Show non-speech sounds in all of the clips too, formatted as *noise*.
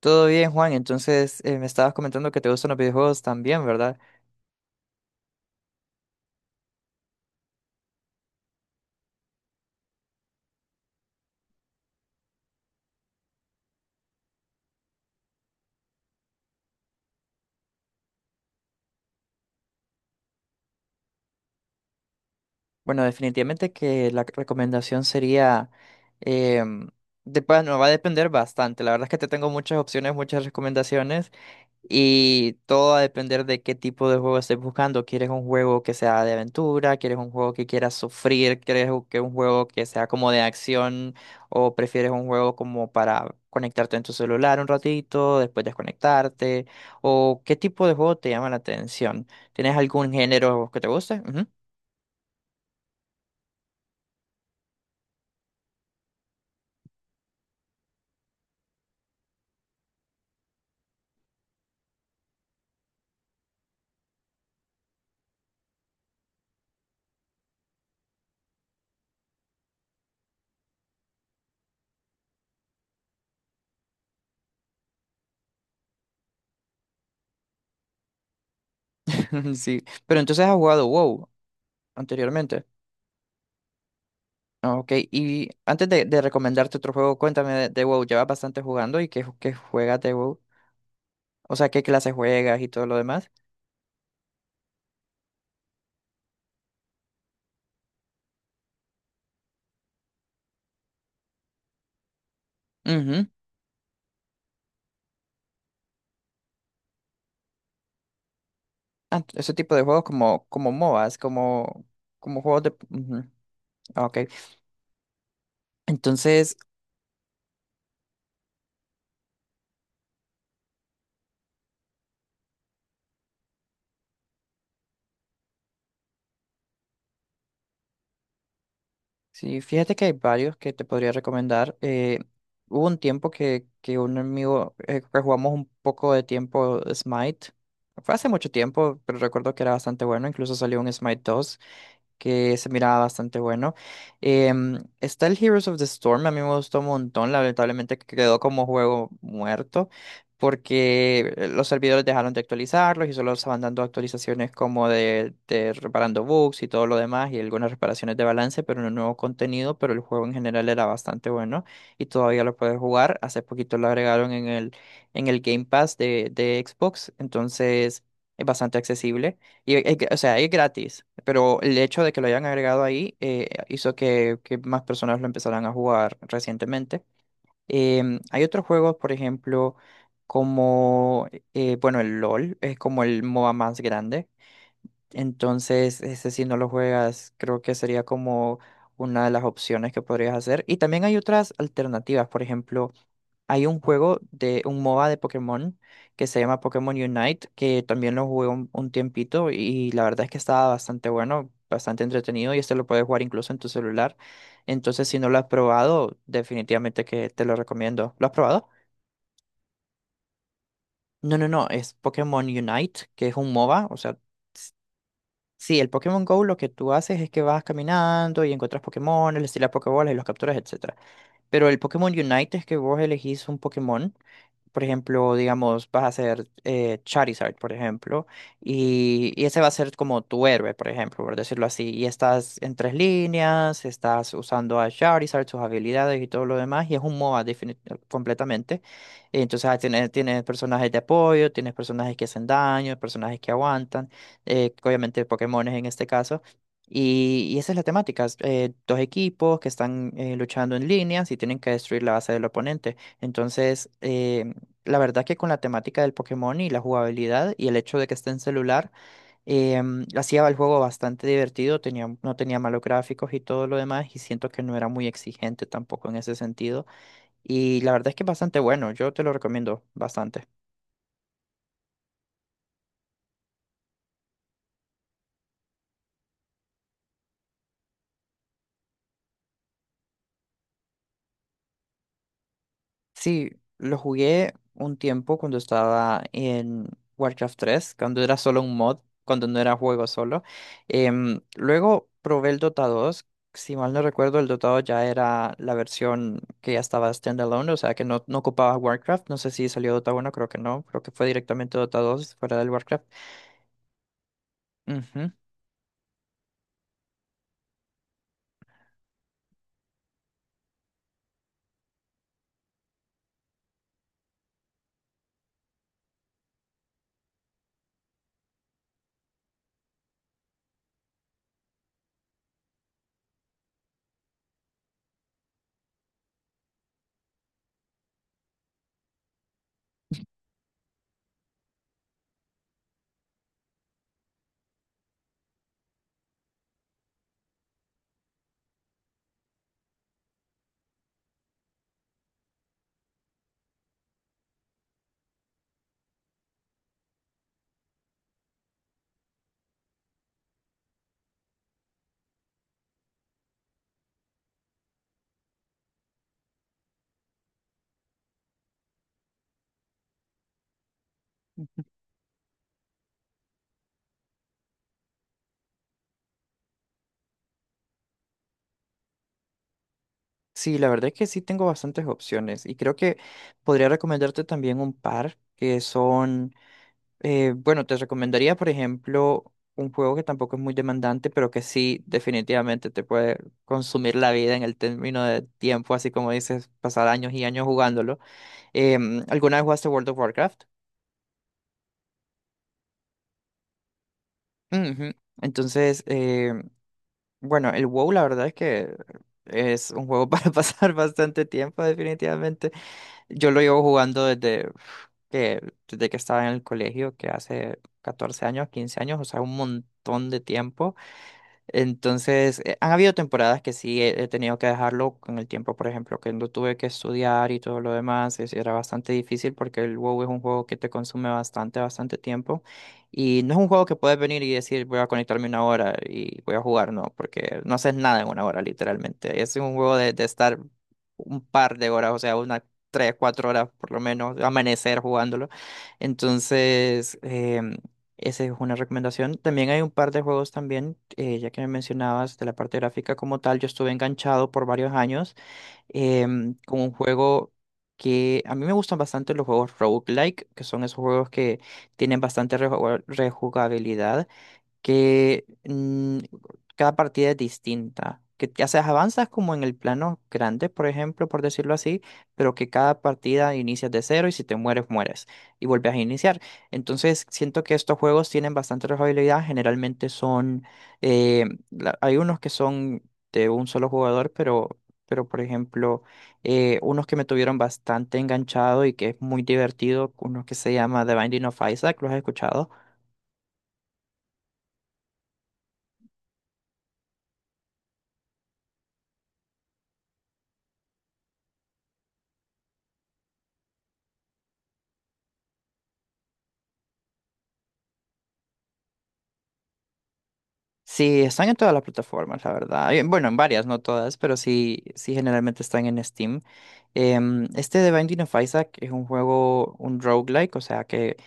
Todo bien, Juan. Entonces, me estabas comentando que te gustan los videojuegos también, ¿verdad? Bueno, definitivamente que la recomendación sería, em, de, bueno, va a depender bastante. La verdad es que te tengo muchas opciones, muchas recomendaciones. Y todo va a depender de qué tipo de juego estés buscando. ¿Quieres un juego que sea de aventura? ¿Quieres un juego que quieras sufrir? ¿Quieres que un juego que sea como de acción? ¿O prefieres un juego como para conectarte en tu celular un ratito, después desconectarte? ¿O qué tipo de juego te llama la atención? ¿Tienes algún género que te guste? Ujú. *laughs* Sí. Pero entonces has jugado WoW anteriormente. Ah, ok, y antes de recomendarte otro juego, cuéntame de WoW. ¿Llevas bastante jugando y qué qué juegas de WoW? O sea, qué clase juegas y todo lo demás. Ujú. Ah, ese tipo de juegos como MOBAs, como juegos de... ujú. Ah, ok. Entonces, sí, fíjate que hay varios que te podría recomendar. Hubo un tiempo que un amigo, que jugamos un poco de tiempo Smite. Fue hace mucho tiempo, pero recuerdo que era bastante bueno. Incluso salió un Smite dos, que se miraba bastante bueno. Está el Heroes of the Storm, a mí me gustó un montón, lamentablemente quedó como juego muerto, porque los servidores dejaron de actualizarlos y solo estaban dando actualizaciones como de reparando bugs y todo lo demás y algunas reparaciones de balance, pero no nuevo contenido, pero el juego en general era bastante bueno y todavía lo puedes jugar. Hace poquito lo agregaron en en el Game Pass de Xbox, entonces es bastante accesible. Y, es que o sea, es gratis, pero el hecho de que lo hayan agregado ahí hizo que más personas lo empezaran a jugar recientemente. Hay otros juegos, por ejemplo, como, bueno, el LOL es como el MOBA más grande. Entonces, ese si no lo juegas, creo que sería como una de las opciones que podrías hacer. Y también hay otras alternativas, por ejemplo. Hay un juego de un MOBA de Pokémon que se llama Pokémon Unite, que también lo jugué un tiempito y la verdad es que estaba bastante bueno, bastante entretenido y este lo puedes jugar incluso en tu celular. Entonces, si no lo has probado, definitivamente que te lo recomiendo. ¿Lo has probado? No, no, no, es Pokémon Unite, que es un MOBA, o sea, s- sí, el Pokémon Go lo que tú haces es que vas caminando y encuentras Pokémon, les tiras Pokébolas y los capturas, etcétera. Pero el Pokémon Unite es que vos elegís un Pokémon. Por ejemplo, digamos, vas a hacer Charizard, por ejemplo, y ese va a ser como tu héroe, por ejemplo, por decirlo así. Y estás en tres líneas, estás usando a Charizard, sus habilidades y todo lo demás, y es un MOBA completamente. Y entonces ah, tienes personajes de apoyo, tienes personajes que hacen daño, personajes que aguantan, obviamente Pokémones en este caso. Y esa es la temática. Es, dos equipos que están luchando en líneas y tienen que destruir la base del oponente. Entonces, la verdad que con la temática del Pokémon y la jugabilidad y el hecho de que esté en celular, eh, hacía el juego bastante divertido, tenía, no tenía malos gráficos y todo lo demás, y siento que no era muy exigente tampoco en ese sentido. Y la verdad es que es bastante bueno, yo te lo recomiendo bastante. Sí, lo jugué un tiempo cuando estaba en Warcraft tres, cuando era solo un mod, cuando no era juego solo. Luego probé el Dota dos. Si mal no recuerdo, el Dota dos ya era la versión que ya estaba standalone, o sea que no, no ocupaba Warcraft. No sé si salió Dota uno, creo que no. Creo que fue directamente Dota dos fuera del Warcraft. Ujú. Sí, la verdad es que sí tengo bastantes opciones y creo que podría recomendarte también un par que son... bueno, te recomendaría, por ejemplo, un juego que tampoco es muy demandante, pero que sí definitivamente te puede consumir la vida en el término de tiempo, así como dices, pasar años y años jugándolo. ¿Alguna vez jugaste World of Warcraft? Ujú. Entonces, bueno, el WoW la verdad es que es un juego *laughs* para pasar bastante tiempo, definitivamente. Yo lo llevo jugando desde uf, que, desde que estaba en el colegio, que hace 14 años, 15 años, o sea, un montón de tiempo. Entonces, han habido temporadas que sí he tenido que dejarlo con el tiempo, por ejemplo, que no tuve que estudiar y todo lo demás, era bastante difícil porque el WoW es un juego que te consume bastante, bastante tiempo y no es un juego que puedes venir y decir voy a conectarme una hora y voy a jugar, no, porque no haces nada en una hora literalmente, es un juego de estar un par de horas, o sea, unas tres, cuatro horas por lo menos, amanecer jugándolo. Entonces, esa es una recomendación. También hay un par de juegos también, ya que me mencionabas de la parte gráfica como tal, yo estuve enganchado por varios años con un juego que a mí me gustan bastante los juegos roguelike, que son esos juegos que tienen bastante rejugabilidad que cada partida es distinta. Que ya sea, avanzas como en el plano grande, por ejemplo, por decirlo así, pero que cada partida inicias de cero y si te mueres, mueres y vuelves a iniciar. Entonces, siento que estos juegos tienen bastante rejugabilidad. Generalmente son, hay unos que son de un solo jugador, pero por ejemplo, unos que me tuvieron bastante enganchado y que es muy divertido, uno que se llama The Binding of Isaac, ¿los has escuchado? Sí, están en todas las plataformas, la verdad. Bueno, en varias, no todas, pero sí, sí generalmente están en Steam. Este de Binding of Isaac es un juego, un roguelike, o sea que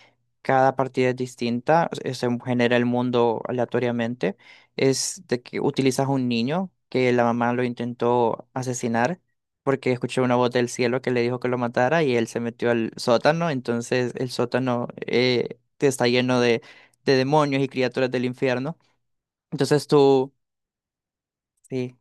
cada partida es distinta, se genera el mundo aleatoriamente. Es de que utilizas un niño que la mamá lo intentó asesinar porque escuchó una voz del cielo que le dijo que lo matara y él se metió al sótano, entonces el sótano está lleno de demonios y criaturas del infierno. Entonces tú, sí,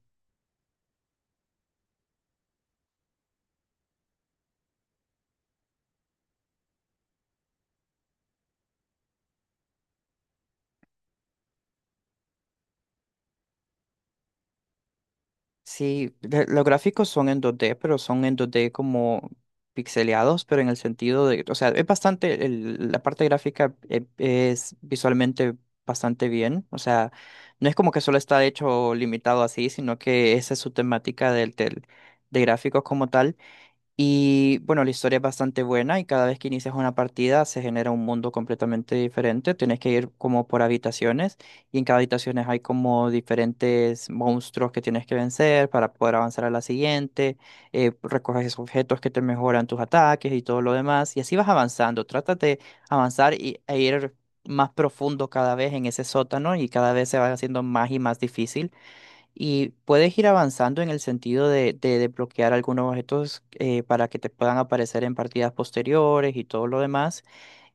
sí, los gráficos son en dos d pero son en dos d como pixeleados, pero en el sentido de, o sea, es bastante, la parte gráfica es visualmente bastante bien, o sea, no es como que solo está hecho limitado así, sino que esa es su temática del de gráficos como tal. Y bueno, la historia es bastante buena y cada vez que inicias una partida se genera un mundo completamente diferente. Tienes que ir como por habitaciones y en cada habitación hay como diferentes monstruos que tienes que vencer para poder avanzar a la siguiente. Recoges objetos que te mejoran tus ataques y todo lo demás. Y así vas avanzando. Trata de avanzar y, e ir más profundo cada vez en ese sótano y cada vez se va haciendo más y más difícil y puedes ir avanzando en el sentido de desbloquear algunos objetos para que te puedan aparecer en partidas posteriores y todo lo demás.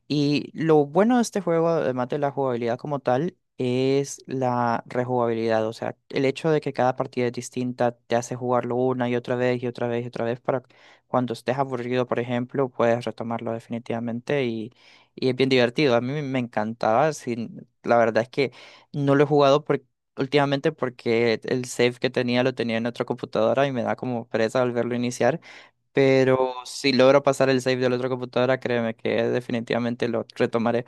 Y lo bueno de este juego, además de la jugabilidad como tal, es la rejugabilidad. O sea, el hecho de que cada partida es distinta te hace jugarlo una y otra vez y otra vez y otra vez para cuando estés aburrido, por ejemplo, puedes retomarlo definitivamente y es bien divertido. A mí me encantaba. La verdad es que no lo he jugado últimamente porque el save que tenía lo tenía en otra computadora y me da como pereza volverlo a iniciar. Pero si logro pasar el save de la otra computadora, créeme que definitivamente lo retomaré.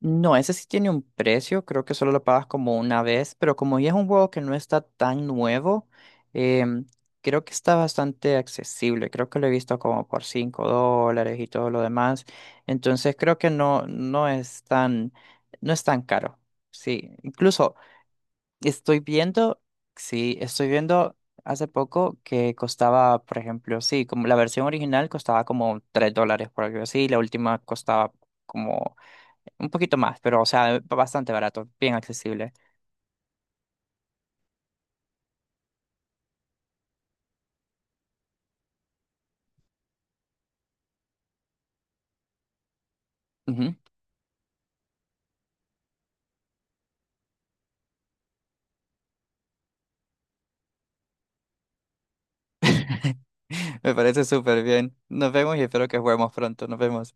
No, ese sí tiene un precio, creo que solo lo pagas como una vez, pero como ya es un juego que no está tan nuevo, em, creo que está bastante accesible. Creo que lo he visto como por $5 y todo lo demás. Entonces creo que no, no es tan, no es tan caro. Sí, incluso. Estoy viendo, sí, estoy viendo hace poco que costaba, por ejemplo, sí, como la versión original costaba como $3 por algo así, la última costaba como un poquito más, pero o sea, bastante barato, bien accesible. Ujú. *laughs* Me parece súper bien. Nos vemos y espero que juguemos pronto. Nos vemos.